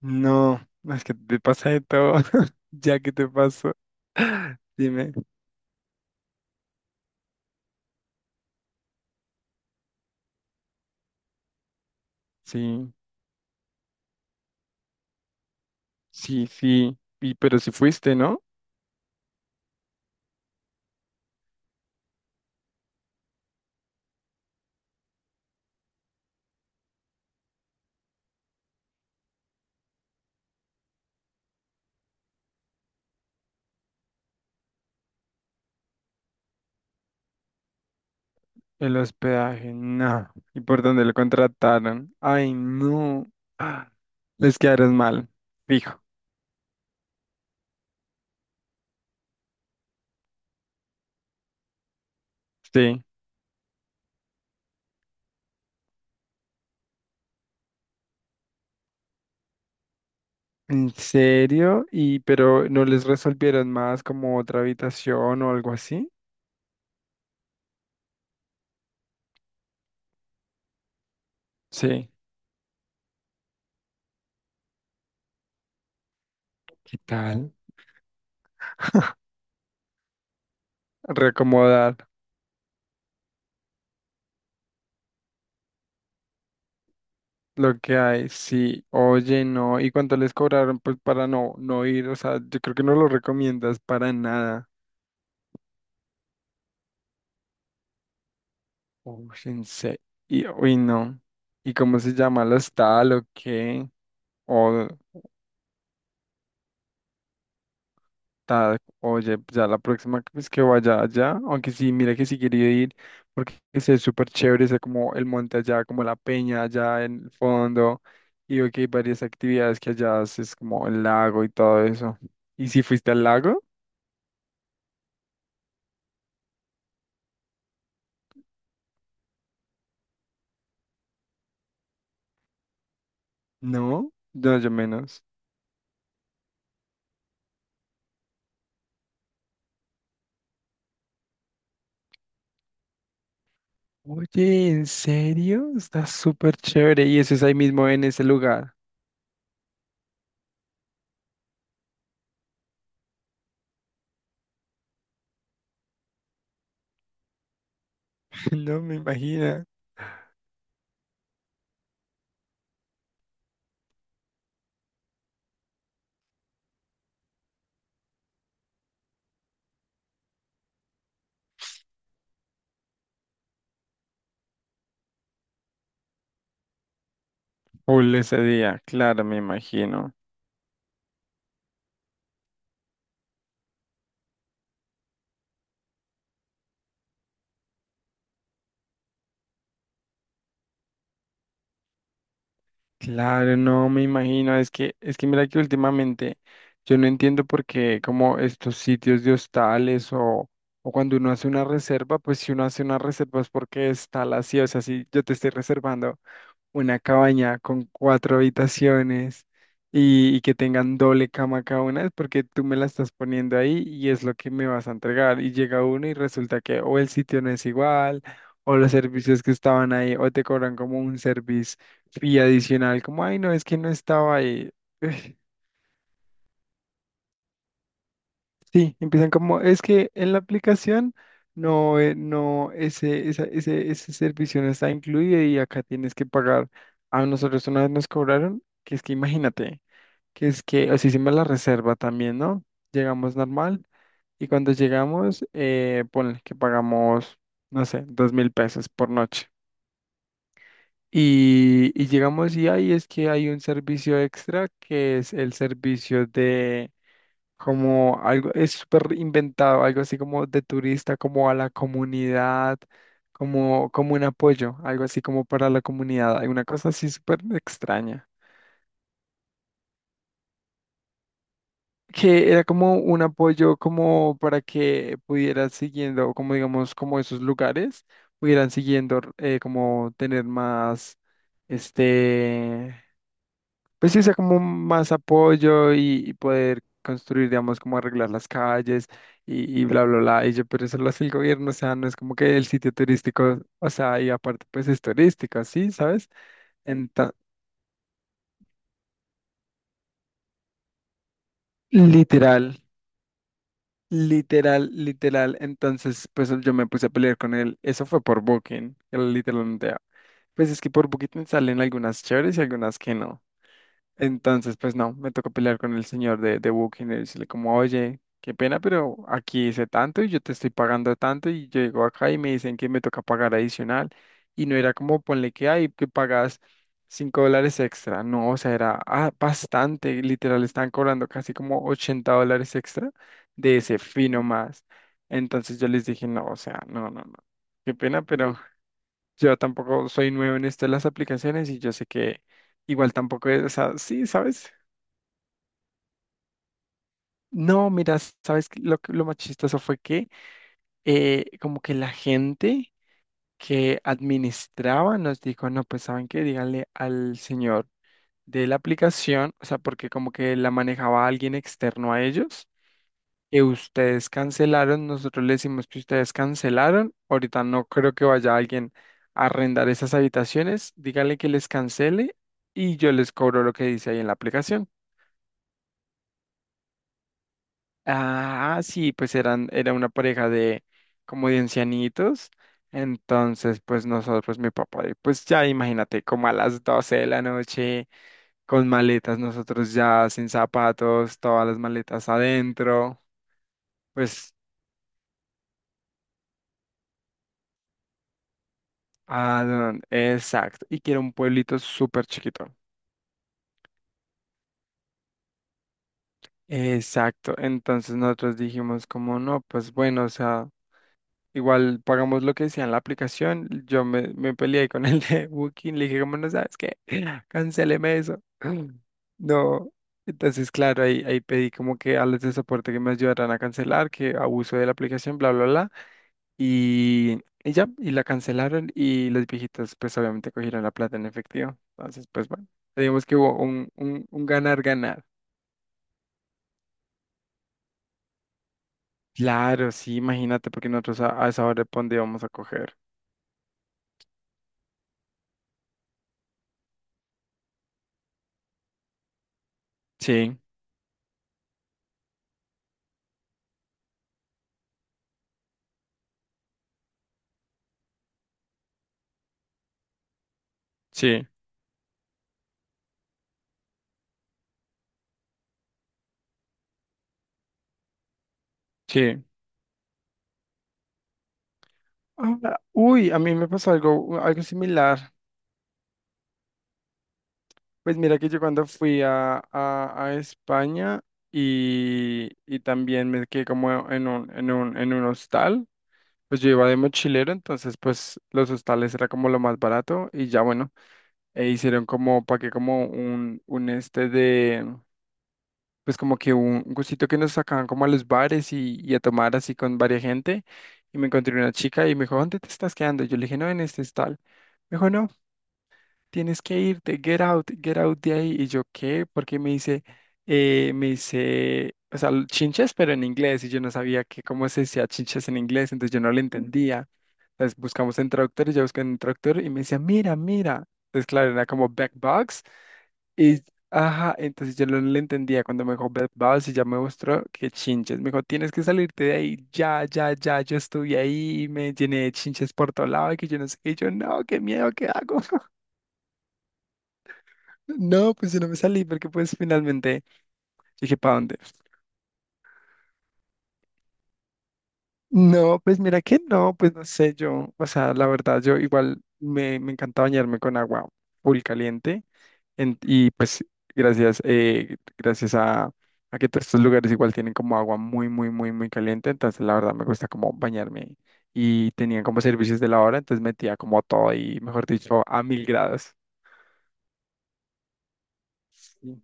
No, es que te pasa de todo, ya que te pasó. Dime, sí, sí, sí, y, pero si fuiste, ¿no? El hospedaje, no. ¿Y por dónde lo contrataron? Ay, no. Ah, les quedaron mal, fijo. Sí. ¿En serio? ¿Y pero no les resolvieron más como otra habitación o algo así? Sí. ¿Qué tal? Reacomodar. Lo que hay, sí, oye, no, ¿y cuánto les cobraron? Pues para no ir, o sea, yo creo que no lo recomiendas para nada. Uy, y, uy, no. ¿Y cómo se llama la tal o qué? O tal, oye, ya la próxima vez que vaya allá, aunque sí, mira que sí quería ir, porque ese es súper chévere, ese como el monte allá, como la peña allá en el fondo, y veo que hay varias actividades que allá haces, como el lago y todo eso. ¿Y si fuiste al lago? No, no, yo menos. Oye, ¿en serio? Está súper chévere y eso es ahí mismo en ese lugar. No me imagino. Full ese día, claro, me imagino. Claro, no me imagino. Es que mira que últimamente yo no entiendo por qué como estos sitios de hostales o cuando uno hace una reserva, pues si uno hace una reserva es porque está la sí, o sea, si yo te estoy reservando. Una cabaña con cuatro habitaciones y que tengan doble cama cada una, es porque tú me la estás poniendo ahí y es lo que me vas a entregar. Y llega uno y resulta que o el sitio no es igual, o los servicios que estaban ahí, o te cobran como un service fee adicional, como, ay, no, es que no estaba ahí. Sí, empiezan como, es que en la aplicación no, no, ese servicio no está incluido y acá tienes que pagar. A nosotros una vez nos cobraron, que es que imagínate, que es que, así hicimos la reserva también, ¿no? Llegamos normal y cuando llegamos, ponle que pagamos, no sé, 2,000 pesos por noche. Y llegamos y ahí es que hay un servicio extra que es el servicio como algo, es súper inventado, algo así como de turista, como a la comunidad, como un apoyo, algo así como para la comunidad, alguna cosa así súper extraña. Que era como un apoyo como para que pudieran siguiendo, como digamos, como esos lugares, pudieran siguiendo como tener más, este, pues sí, sea como más apoyo y poder construir, digamos, como arreglar las calles y bla, bla, bla. Y yo, pero eso lo hace el gobierno, o sea, no es como que el sitio turístico, o sea, y aparte, pues es turístico, ¿sí? ¿Sabes? Enta- Literal, literal, literal. Entonces, pues yo me puse a pelear con él. Eso fue por Booking, él literalmente. Pues es que por Booking salen algunas chéveres y algunas que no. Entonces, pues no, me tocó pelear con el señor de Booking y decirle como, oye, qué pena, pero aquí hice tanto y yo te estoy pagando tanto y yo llego acá y me dicen que me toca pagar adicional y no era como ponle que hay que pagas $5 extra, no, o sea, era ah, bastante, literal, estaban cobrando casi como $80 extra de ese fino más. Entonces yo les dije, no, o sea, no, no, no, qué pena, pero yo tampoco soy nuevo en esto de las aplicaciones y yo sé que igual tampoco es, o sea, sí, ¿sabes? No, mira, ¿sabes qué? Lo más chistoso fue que como que la gente que administraba nos dijo, no, pues saben qué, díganle al señor de la aplicación, o sea, porque como que la manejaba alguien externo a ellos que ustedes cancelaron, nosotros le decimos que ustedes cancelaron. Ahorita no creo que vaya alguien a arrendar esas habitaciones. Díganle que les cancele y yo les cobro lo que dice ahí en la aplicación. Ah, sí, pues eran, era una pareja de como de ancianitos. Entonces, pues nosotros, pues mi papá, y pues ya imagínate, como a las 12 de la noche, con maletas, nosotros ya sin zapatos, todas las maletas adentro. Pues ah, no, exacto. Y que era un pueblito súper chiquito. Exacto. Entonces nosotros dijimos como no, pues bueno, o sea, igual pagamos lo que decía en la aplicación. Yo me peleé con el de Booking, le dije como no sabes qué, cancéleme eso. No. Entonces, claro, ahí pedí como que a los de soporte que me ayudaran a cancelar, que abuso de la aplicación, bla, bla, bla. Y ya, y la cancelaron y los viejitos pues obviamente cogieron la plata en efectivo. Entonces, pues bueno, digamos que hubo un ganar, ganar. Claro, sí, imagínate, porque nosotros a esa hora de dónde íbamos a coger. Sí, sí, sí. Ah, uy, a mí me pasó algo similar. Pues mira que yo cuando fui a España y también me quedé como en un hostal. Pues yo iba de mochilero, entonces pues los hostales era como lo más barato y ya bueno, e hicieron como, pagué como un este de, pues como que un gustito que nos sacaban como a los bares y a tomar así con varia gente y me encontré una chica y me dijo, ¿dónde te estás quedando? Yo le dije, no, en este hostal. Me dijo, no tienes que irte, get out de ahí. Y yo, ¿qué? Porque me dice, o sea, chinches, pero en inglés, y yo no sabía que cómo se decía chinches en inglés, entonces yo no lo entendía. Entonces buscamos en traductor, y yo busqué en el traductor, y me decía, mira, mira. Entonces, claro, era como backbox, y, ajá, entonces yo no le entendía cuando me dijo backbox, y ya me mostró que chinches. Me dijo, tienes que salirte de ahí, ya, ya, ya, yo estuve ahí, y me llené de chinches por todo lado, y que yo no sé qué, y yo, no, qué miedo, ¿qué hago? No, pues yo no me salí porque pues finalmente dije, ¿para dónde? No, pues mira que no, pues no sé yo, o sea, la verdad yo igual me encanta bañarme con agua full caliente y pues gracias, gracias a que todos estos lugares igual tienen como agua muy, muy, muy, muy caliente, entonces la verdad me gusta como bañarme y tenían como servicios de la hora, entonces metía como todo y mejor dicho a 1,000 grados. Sí,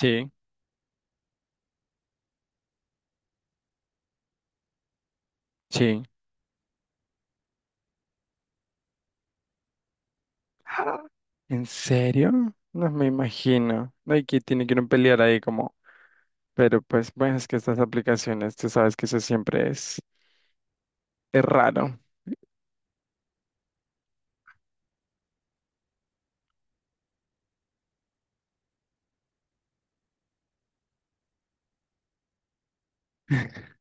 sí, sí. Ah, ¿en serio? No me imagino. Hay que tiene que ir a pelear ahí como. Pero pues, bueno, es que estas aplicaciones, tú sabes que eso siempre es raro.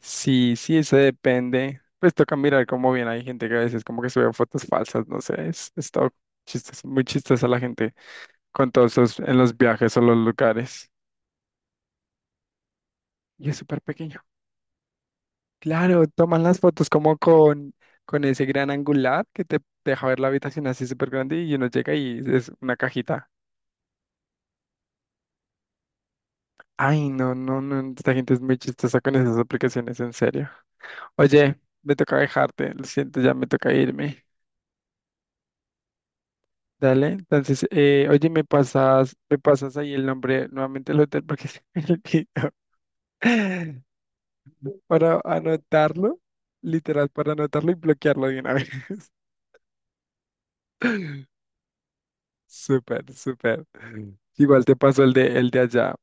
Sí, sí, eso depende. Pues toca mirar cómo bien hay gente que a veces como que sube fotos falsas, no sé, es todo chistes, muy chistosa la gente con todos esos en los viajes o los lugares. Y es súper pequeño. Claro, toman las fotos como con ese gran angular que te deja ver la habitación así súper grande y uno llega y es una cajita. Ay, no, no, no, esta gente es muy chistosa con esas aplicaciones, en serio. Oye, me toca dejarte, lo siento, ya me toca irme. Dale, entonces, oye, me pasas ahí el nombre nuevamente del hotel porque se me olvidó. Para anotarlo, literal, para anotarlo y bloquearlo de una vez. Súper, súper. Igual te paso el de allá,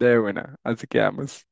de buena. Así quedamos.